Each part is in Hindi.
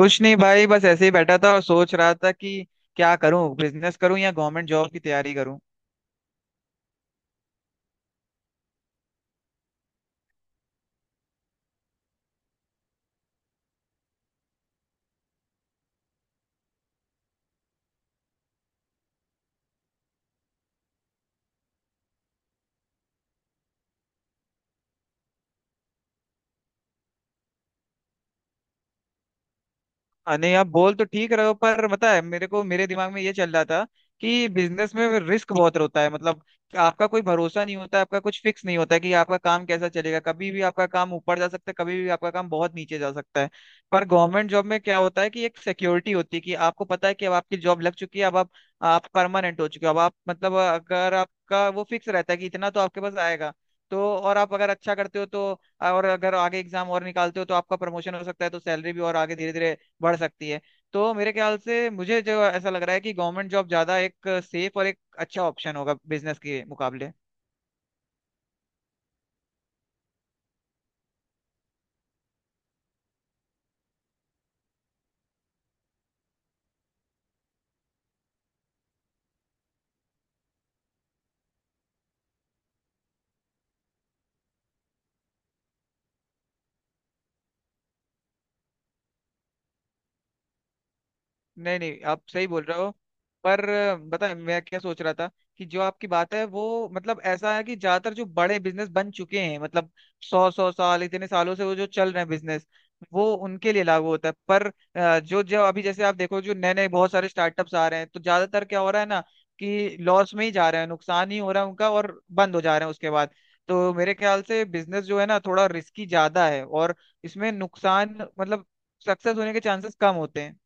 कुछ नहीं भाई, बस ऐसे ही बैठा था और सोच रहा था कि क्या करूं, बिजनेस करूं या गवर्नमेंट जॉब की तैयारी करूं। अरे आप बोल तो ठीक रहे हो, पर पता है मेरे को मेरे दिमाग में ये चल रहा था कि बिजनेस में रिस्क बहुत होता है, मतलब आपका कोई भरोसा नहीं होता, आपका कुछ फिक्स नहीं होता है कि आपका काम कैसा चलेगा, कभी भी आपका काम ऊपर जा सकता है, कभी भी आपका काम बहुत नीचे जा सकता है। पर गवर्नमेंट जॉब में क्या होता है कि एक सिक्योरिटी होती है, कि आपको पता है कि अब आपकी जॉब लग चुकी है, अब आप परमानेंट हो चुके हो, अब आप मतलब अगर आपका वो फिक्स रहता है कि इतना तो आपके पास आएगा। तो और आप अगर अच्छा करते हो तो और अगर आगे एग्जाम और निकालते हो तो आपका प्रमोशन हो सकता है, तो सैलरी भी और आगे धीरे धीरे बढ़ सकती है। तो मेरे ख्याल से मुझे जो ऐसा लग रहा है कि गवर्नमेंट जॉब ज्यादा एक सेफ और एक अच्छा ऑप्शन होगा बिजनेस के मुकाबले। नहीं नहीं, आप सही बोल रहे हो, पर बताए मैं क्या सोच रहा था, कि जो आपकी बात है वो मतलब ऐसा है कि ज्यादातर जो बड़े बिजनेस बन चुके हैं, मतलब सौ सौ साल, इतने सालों से वो जो चल रहे हैं बिजनेस, वो उनके लिए लागू होता है। पर जो जो अभी जैसे आप देखो, जो नए नए बहुत सारे स्टार्टअप्स आ रहे हैं तो ज्यादातर क्या हो रहा है ना, कि लॉस में ही जा रहे हैं, नुकसान ही हो रहा है उनका और बंद हो जा रहे हैं उसके बाद। तो मेरे ख्याल से बिजनेस जो है ना थोड़ा रिस्की ज्यादा है और इसमें नुकसान मतलब सक्सेस होने के चांसेस कम होते हैं।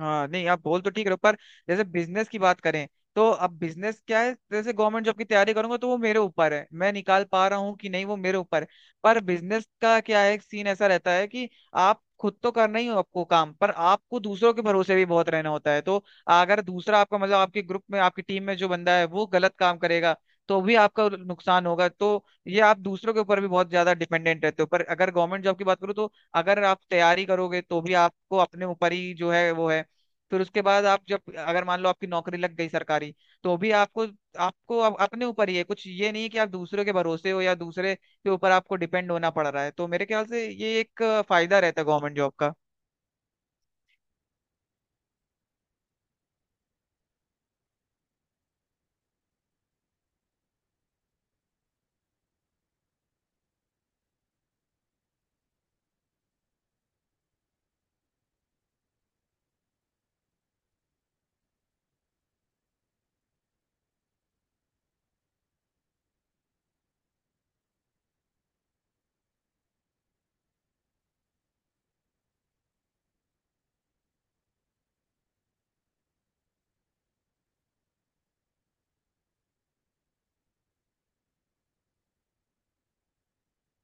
हाँ नहीं, आप बोल तो ठीक रहे हो, पर जैसे बिजनेस की बात करें, तो अब बिजनेस क्या है, जैसे गवर्नमेंट जॉब की तैयारी करूंगा तो वो मेरे ऊपर है, मैं निकाल पा रहा हूँ कि नहीं वो मेरे ऊपर है। पर बिजनेस का क्या है, एक सीन ऐसा रहता है कि आप खुद तो करना ही हो आपको काम, पर आपको दूसरों के भरोसे भी बहुत रहना होता है। तो अगर दूसरा आपका मतलब आपके ग्रुप में आपकी टीम में जो बंदा है वो गलत काम करेगा तो भी आपका नुकसान होगा, तो ये आप दूसरों के ऊपर भी बहुत ज्यादा डिपेंडेंट रहते हो। पर अगर गवर्नमेंट जॉब की बात करूँ तो अगर आप तैयारी करोगे तो भी आपको अपने ऊपर ही जो है वो है। फिर उसके बाद आप जब अगर मान लो आपकी नौकरी लग गई सरकारी, तो भी आपको आपको अप- अपने ऊपर ही है, कुछ ये नहीं है कि आप दूसरों के भरोसे हो या दूसरे के ऊपर आपको डिपेंड होना पड़ रहा है। तो मेरे ख्याल से ये एक फायदा रहता है गवर्नमेंट जॉब का।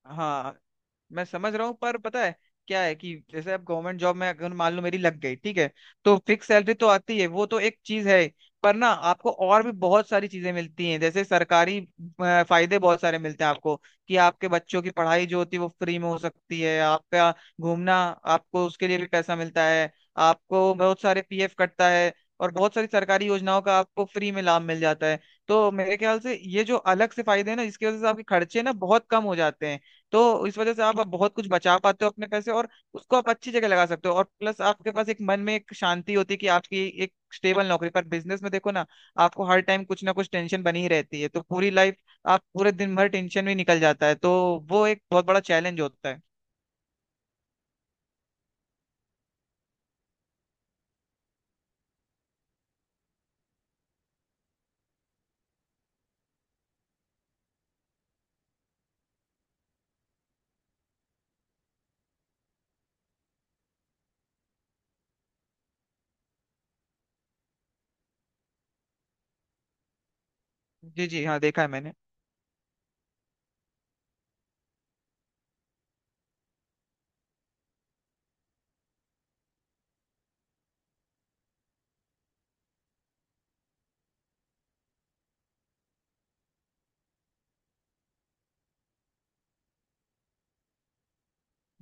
हाँ, मैं समझ रहा हूँ, पर पता है क्या है, कि जैसे अब गवर्नमेंट जॉब में अगर मान लो मेरी लग गई, ठीक है, तो फिक्स सैलरी तो आती है, वो तो एक चीज है। पर ना आपको और भी बहुत सारी चीजें मिलती हैं, जैसे सरकारी फायदे बहुत सारे मिलते हैं आपको, कि आपके बच्चों की पढ़ाई जो होती है वो फ्री में हो सकती है, आपका घूमना, आपको उसके लिए भी पैसा मिलता है, आपको बहुत सारे पीएफ कटता है और बहुत सारी सरकारी योजनाओं का आपको फ्री में लाभ मिल जाता है। तो मेरे ख्याल से ये जो अलग से फायदे हैं ना, इसकी वजह से आपके खर्चे ना बहुत कम हो जाते हैं। तो इस वजह से आप बहुत कुछ बचा पाते हो अपने पैसे, और उसको आप अच्छी जगह लगा सकते हो और प्लस आपके पास एक मन में एक शांति होती है कि आपकी एक स्टेबल नौकरी। पर बिजनेस में देखो ना, आपको हर टाइम कुछ ना कुछ टेंशन बनी ही रहती है, तो पूरी लाइफ, आप पूरे दिन भर टेंशन में निकल जाता है, तो वो एक बहुत बड़ा चैलेंज होता है। जी जी हाँ, देखा है मैंने।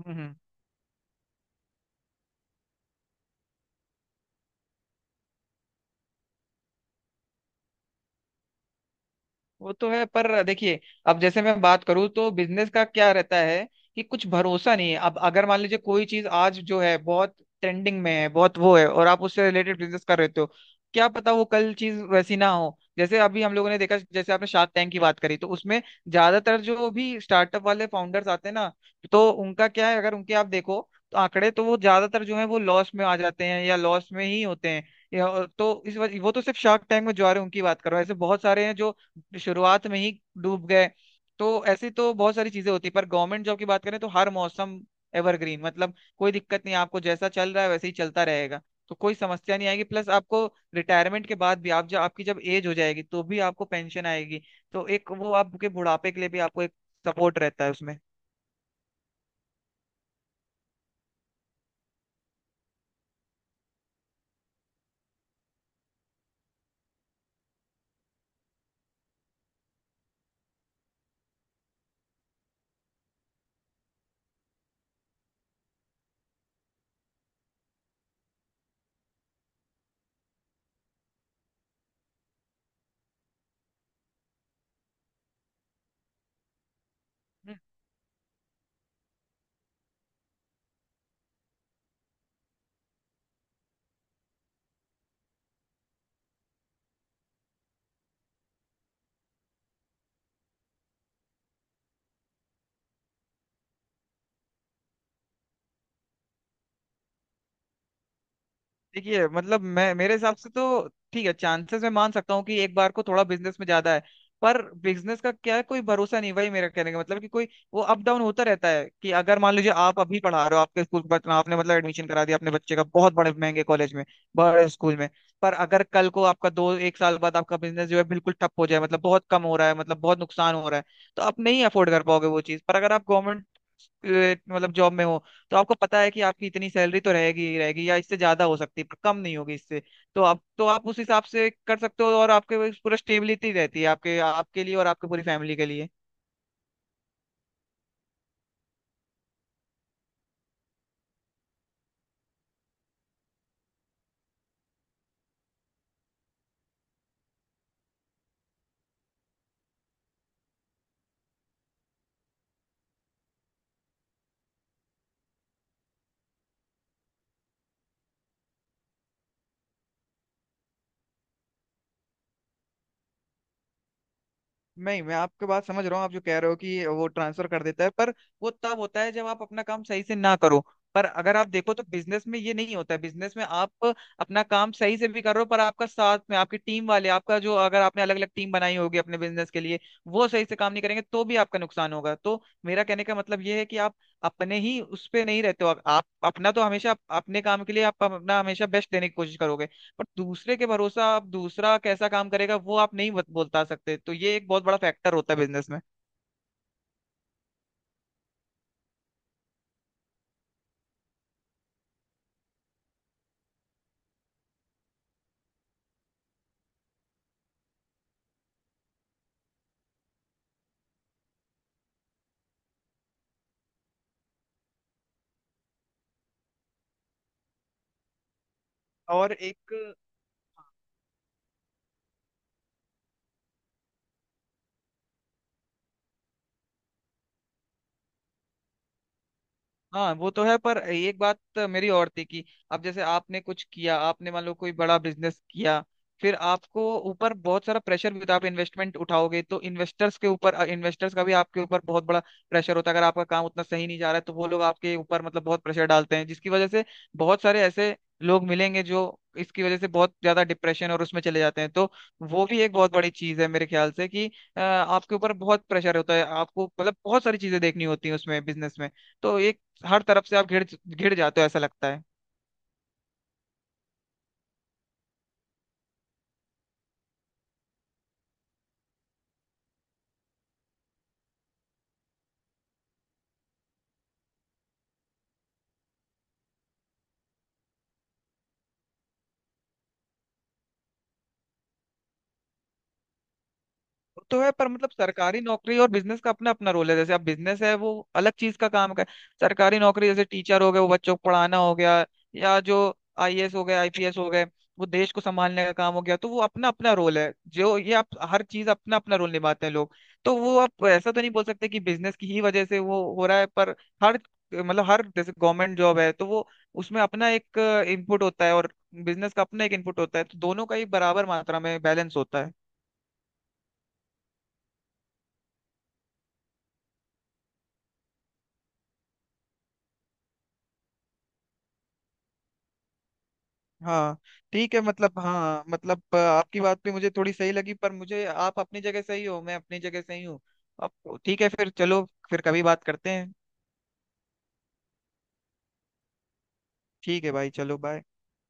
हम्म हम्म। वो तो है, पर देखिए, अब जैसे मैं बात करूं तो बिजनेस का क्या रहता है, कि कुछ भरोसा नहीं है। अब अगर मान लीजिए कोई चीज आज जो है बहुत ट्रेंडिंग में है, बहुत वो है और आप उससे रिलेटेड बिजनेस कर रहे हो, क्या पता वो कल चीज वैसी ना हो। जैसे अभी हम लोगों ने देखा, जैसे आपने शार्क टैंक की बात करी तो उसमें ज्यादातर जो भी स्टार्टअप वाले फाउंडर्स आते हैं ना, तो उनका क्या है, अगर उनके आप देखो तो आंकड़े तो वो ज्यादातर जो है वो लॉस में आ जाते हैं या लॉस में ही होते हैं। तो इस वजह, वो तो सिर्फ शार्क टैंक में जो आ रहे हैं उनकी बात कर रहा हूँ, ऐसे बहुत सारे हैं जो शुरुआत में ही डूब गए। तो ऐसी तो बहुत सारी चीजें होती है, पर गवर्नमेंट जॉब की बात करें तो हर मौसम एवरग्रीन, मतलब कोई दिक्कत नहीं, आपको जैसा चल रहा है वैसे ही चलता रहेगा, तो कोई समस्या नहीं आएगी। प्लस आपको रिटायरमेंट के बाद भी आप जब आपकी जब एज हो जाएगी तो भी आपको पेंशन आएगी, तो एक वो आपके बुढ़ापे के लिए भी आपको एक सपोर्ट रहता है उसमें। देखिए मतलब मैं मेरे हिसाब से तो ठीक है, चांसेस मैं मान सकता हूँ कि एक बार को थोड़ा बिजनेस में ज्यादा है। पर बिजनेस का क्या है, कोई भरोसा नहीं, वही मेरा कहने का मतलब, कि कोई वो अप डाउन होता रहता है, कि अगर मान लीजिए आप अभी पढ़ा रहे हो आपके स्कूल के बच्चों, आपने मतलब एडमिशन करा दिया अपने बच्चे का बहुत बड़े महंगे कॉलेज में, बड़े स्कूल में, पर अगर कल को आपका दो एक साल बाद आपका बिजनेस जो है बिल्कुल ठप हो जाए, मतलब बहुत कम हो रहा है, मतलब बहुत नुकसान हो रहा है, तो आप नहीं अफोर्ड कर पाओगे वो चीज। पर अगर आप गवर्नमेंट मतलब जॉब में हो, तो आपको पता है कि आपकी इतनी सैलरी तो रहेगी ही रहेगी, या इससे ज्यादा हो सकती है, पर कम नहीं होगी इससे। तो आप उस हिसाब से कर सकते हो और आपके पास पूरा स्टेबिलिटी रहती है आपके आपके लिए और आपके पूरी फैमिली के लिए। नहीं, मैं आपके बात समझ रहा हूँ, आप जो कह रहे हो कि वो ट्रांसफर कर देता है, पर वो तब होता है जब आप अपना काम सही से ना करो। पर अगर आप देखो तो बिजनेस में ये नहीं होता है, बिजनेस में आप अपना काम सही से भी कर रहे हो, पर आपका साथ में आपकी टीम वाले, आपका जो, अगर आपने अलग अलग टीम बनाई होगी अपने बिजनेस के लिए, वो सही से काम नहीं करेंगे तो भी आपका नुकसान होगा। तो मेरा कहने का मतलब ये है कि आप अपने ही उस पे नहीं रहते हो, आप अपना तो हमेशा अपने काम के लिए, आप अपना हमेशा बेस्ट देने की कोशिश करोगे, पर दूसरे के भरोसा आप दूसरा कैसा काम करेगा वो आप नहीं बता सकते, तो ये एक बहुत बड़ा फैक्टर होता है बिजनेस में। और एक, हाँ, वो तो है, पर एक बात मेरी और थी, कि अब जैसे आपने कुछ किया, आपने मान लो कोई बड़ा बिजनेस किया, फिर आपको ऊपर बहुत सारा प्रेशर भी होता है। आप इन्वेस्टमेंट उठाओगे तो इन्वेस्टर्स का भी आपके ऊपर बहुत बड़ा प्रेशर होता है, अगर आपका काम उतना सही नहीं जा रहा है तो वो लोग आपके ऊपर मतलब बहुत प्रेशर डालते हैं, जिसकी वजह से बहुत सारे ऐसे लोग मिलेंगे जो इसकी वजह से बहुत ज्यादा डिप्रेशन और उसमें चले जाते हैं। तो वो भी एक बहुत बड़ी चीज है मेरे ख्याल से, कि आपके ऊपर बहुत प्रेशर होता है, आपको मतलब बहुत सारी चीजें देखनी होती है उसमें बिजनेस में, तो एक, हर तरफ से आप घिर घिर जाते हो ऐसा लगता है। तो है, पर मतलब सरकारी नौकरी और बिजनेस का अपना अपना रोल है, जैसे अब बिजनेस है वो अलग चीज का काम का है। सरकारी नौकरी जैसे टीचर हो गए, वो बच्चों को पढ़ाना हो गया, या जो आईएएस हो गए, आईपीएस हो गए, वो देश को संभालने का काम हो गया। तो वो अपना अपना रोल है, जो ये आप हर चीज अपना अपना रोल निभाते हैं लोग। तो वो आप ऐसा तो नहीं बोल सकते कि बिजनेस की ही वजह से वो हो रहा है, पर हर मतलब हर, जैसे गवर्नमेंट जॉब है तो वो उसमें अपना एक इनपुट होता है और बिजनेस का अपना एक इनपुट होता है, तो दोनों का ही बराबर मात्रा में बैलेंस होता है। हाँ, ठीक है, मतलब हाँ, मतलब आपकी बात भी मुझे थोड़ी सही लगी, पर मुझे आप अपनी जगह सही हो, मैं अपनी जगह सही हूँ। अब ठीक है, फिर चलो, फिर कभी बात करते हैं। ठीक है भाई, चलो बाय।